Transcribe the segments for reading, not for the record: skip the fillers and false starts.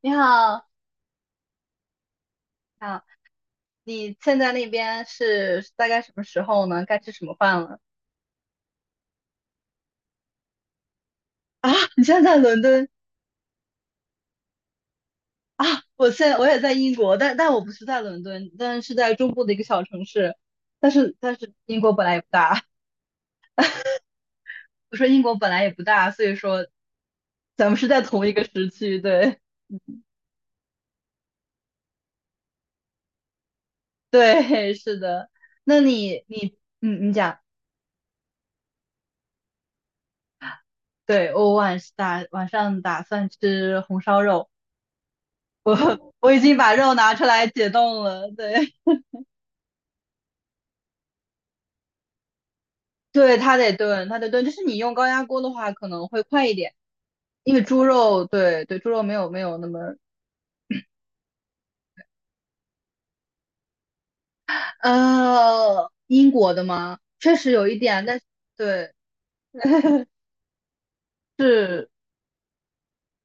你好。啊，你现在那边是大概什么时候呢？该吃什么饭了？啊，你现在在伦敦啊？我现在我也在英国，但我不是在伦敦，但是在中部的一个小城市。但是英国本来也不大。我说英国本来也不大，所以说咱们是在同一个时区。对。 对，是的。那你你你讲，对，我晚上打算吃红烧肉，我 我已经把肉拿出来解冻了。对，对，它得炖，它得炖。就是你用高压锅的话，可能会快一点，因为猪肉，对对，猪肉没有那么，英国的吗？确实有一点，但是对。是，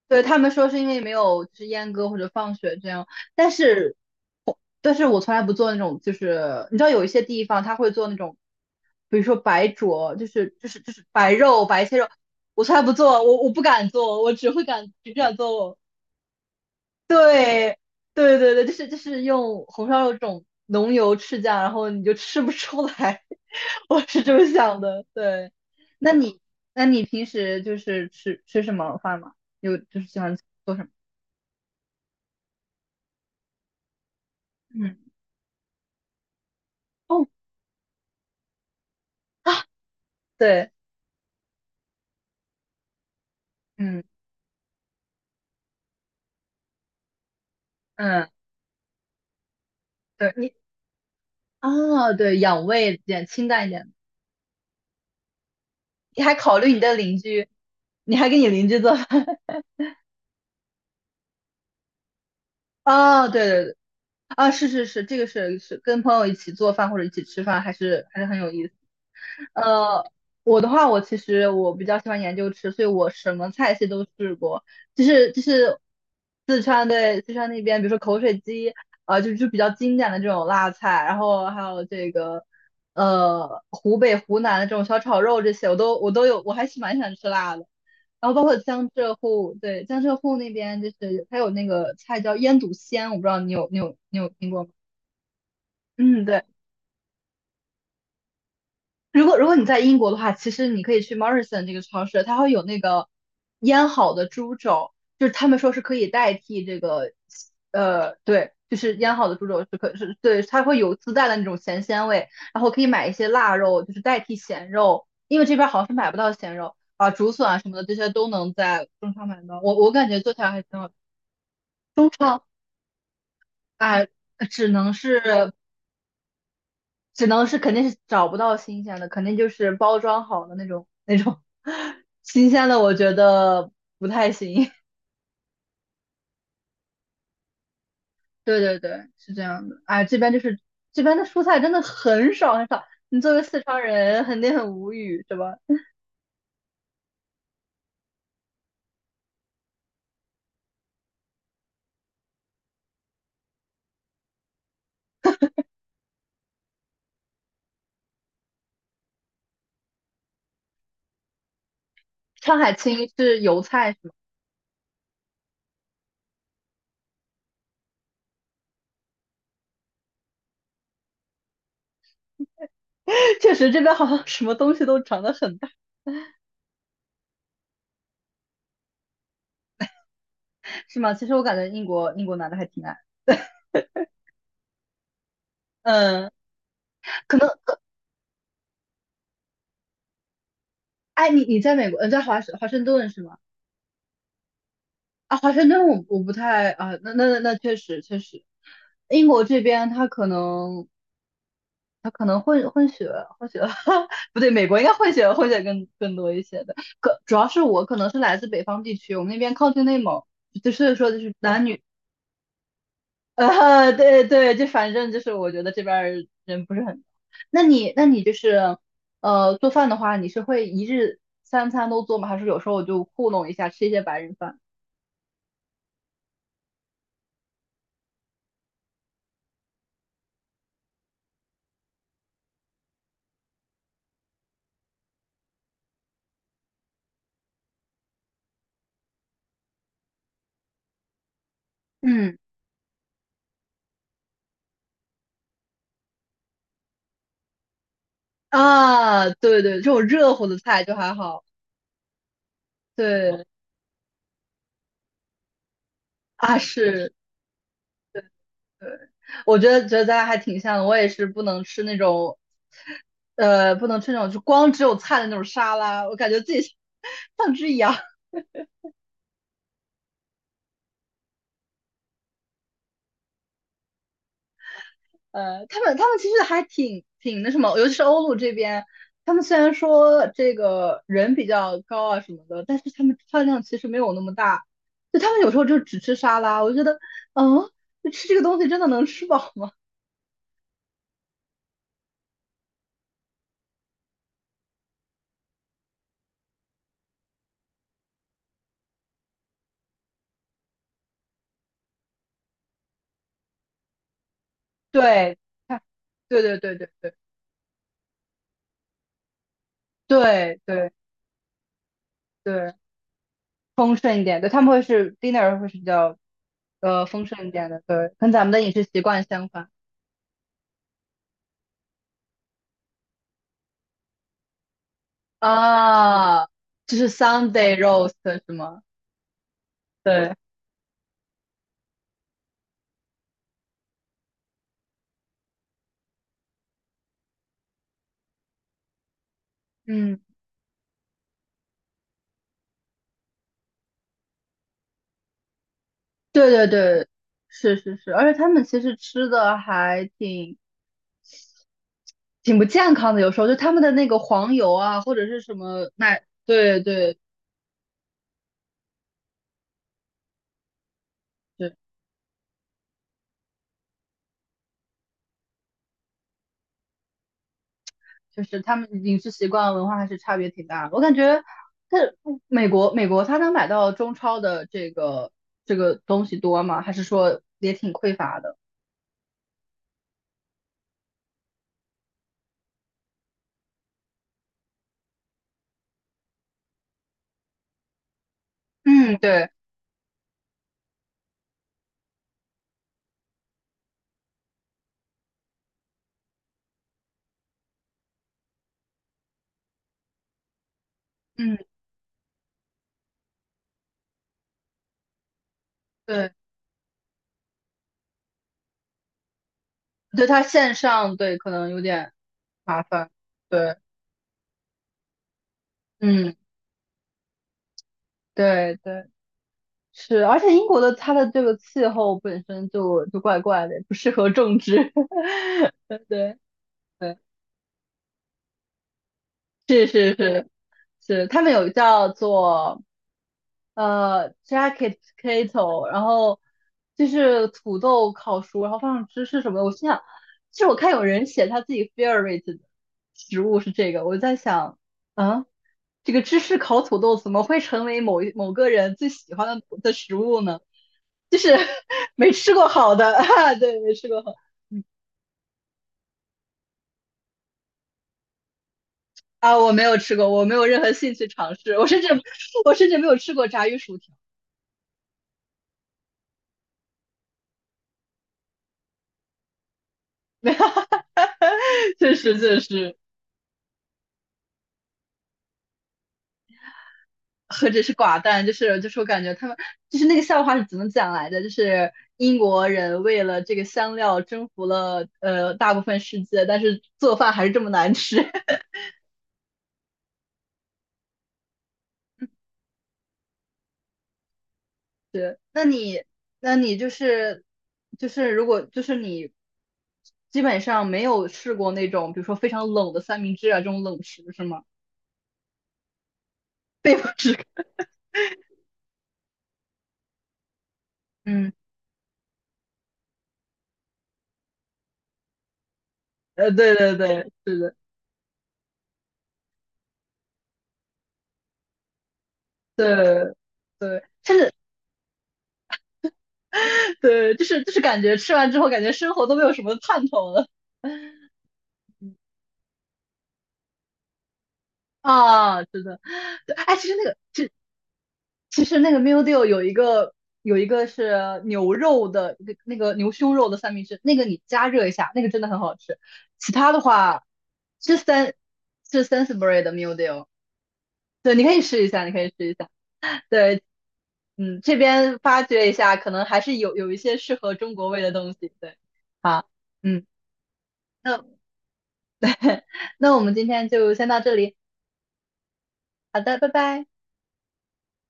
对，他们说是因为没有就是阉割或者放血这样，但是，但是我从来不做那种，就是你知道有一些地方他会做那种，比如说白灼，就是白肉白切肉，我从来不做，我不敢做，我只会敢只敢做。对，对对对，就是用红烧肉这种浓油赤酱，然后你就吃不出来，我是这么想的。对，那你那你平时就是吃什么饭吗？有就是喜欢做什么？嗯，哦。啊，对，嗯嗯。对你，啊，对，养胃一点，清淡一点。你还考虑你的邻居，你还给你邻居做饭？啊，对对对，啊，是是是，这个是是跟朋友一起做饭或者一起吃饭，还是很有意思。呃，我的话，我其实我比较喜欢研究吃，所以我什么菜系都试过，就是四川，对，四川那边，比如说口水鸡，啊、就比较经典的这种辣菜，然后还有这个湖北湖南的这种小炒肉这些，我都有，我还是蛮喜欢吃辣的。然后包括江浙沪，对，江浙沪那边就是还有那个菜叫腌笃鲜，我不知道你有你有你有听过吗？嗯，对，如果如果你在英国的话，其实你可以去 Morrison 这个超市，它会有那个腌好的猪肘，就是他们说是可以代替这个，对，就是腌好的猪肘是可是对，它会有自带的那种咸鲜味，然后可以买一些腊肉，就是代替咸肉，因为这边好像是买不到咸肉啊，竹笋啊什么的，这些都能在中超买到，我感觉做起来还挺好。中超啊，只能是只能是肯定是找不到新鲜的，肯定就是包装好的那种 新鲜的，我觉得不太行。对对对，是这样的。哎，这边就是这边的蔬菜真的很少很少，你作为四川人肯定很无语，是吧？上海青是油菜是吗？确实这边好像什么东西都长得很大。是吗？其实我感觉英国男的还挺矮。嗯，可能。哎，你你在美国，在华盛顿是吗？啊，华盛顿我我不太。啊，那确实确实，英国这边他可能他可能混血，不对，美国应该混血更更多一些的。可主要是我可能是来自北方地区，我们那边靠近内蒙，就所以说就是男女。对对，就反正就是我觉得这边儿人不是很多。那你那你就是做饭的话，你是会一日三餐都做吗？还是有时候就糊弄一下吃一些白人饭？嗯。啊，对对，这种热乎的菜就还好。对啊，是，我觉得咱俩还挺像的。我也是不能吃那种，不能吃那种就光只有菜的那种沙拉，我感觉自己 像只羊。他们其实还挺那什么，尤其是欧陆这边，他们虽然说这个人比较高啊什么的，但是他们饭量其实没有那么大，就他们有时候就只吃沙拉。我就觉得，嗯，就吃这个东西真的能吃饱吗？对，看，对对对对对对对对，丰盛一点，对，他们会是 dinner 会是比较丰盛一点的，对，跟咱们的饮食习惯相反。啊，就是 Sunday roast 是吗？对，嗯，对对对，是是是，而且他们其实吃的还挺不健康的，有时候就他们的那个黄油啊，或者是什么奶，对对，对，就是他们饮食习惯文化还是差别挺大的。我感觉在美国，美国他能买到中超的这个东西多吗？还是说也挺匮乏的？嗯，对，嗯，对，对，它线上对可能有点麻烦。对，嗯，对对。是，而且英国的它的这个气候本身就怪怪的，不适合种植。对对对，是是是是，他们有叫做jacket potato，然后就是土豆烤熟，然后放上芝士什么的。我心想，其实我看有人写他自己 favorite 的食物是这个，我在想，啊，这个芝士烤土豆怎么会成为某个人最喜欢的的食物呢？就是 没吃过好的 啊，对，没吃过好。嗯，啊，我没有吃过，我没有任何兴趣尝试，我甚至没有吃过炸鱼薯条。没有，确实确实，何止是寡淡，就是我感觉他们，就是那个笑话是怎么讲来的？就是英国人为了这个香料征服了大部分世界，但是做饭还是这么难吃。对，那你那你就是就是如果就是你基本上没有试过那种比如说非常冷的三明治啊这种冷食是吗？被迫吃，嗯，对对对，是的，对对，甚至 对，就是感觉吃完之后感觉生活都没有什么盼头了。啊，是的，对，哎，其实那个，其实那个 meal deal 有一个，有一个是牛肉的，那个，那个牛胸肉的三明治，那个你加热一下，那个真的很好吃。其他的话，是三是 Sainsbury 的 meal deal，对，你可以试一下，你可以试一下。对，嗯，这边发掘一下，可能还是有一些适合中国味的东西。对，好，嗯，那 那我们今天就先到这里，好的，拜拜。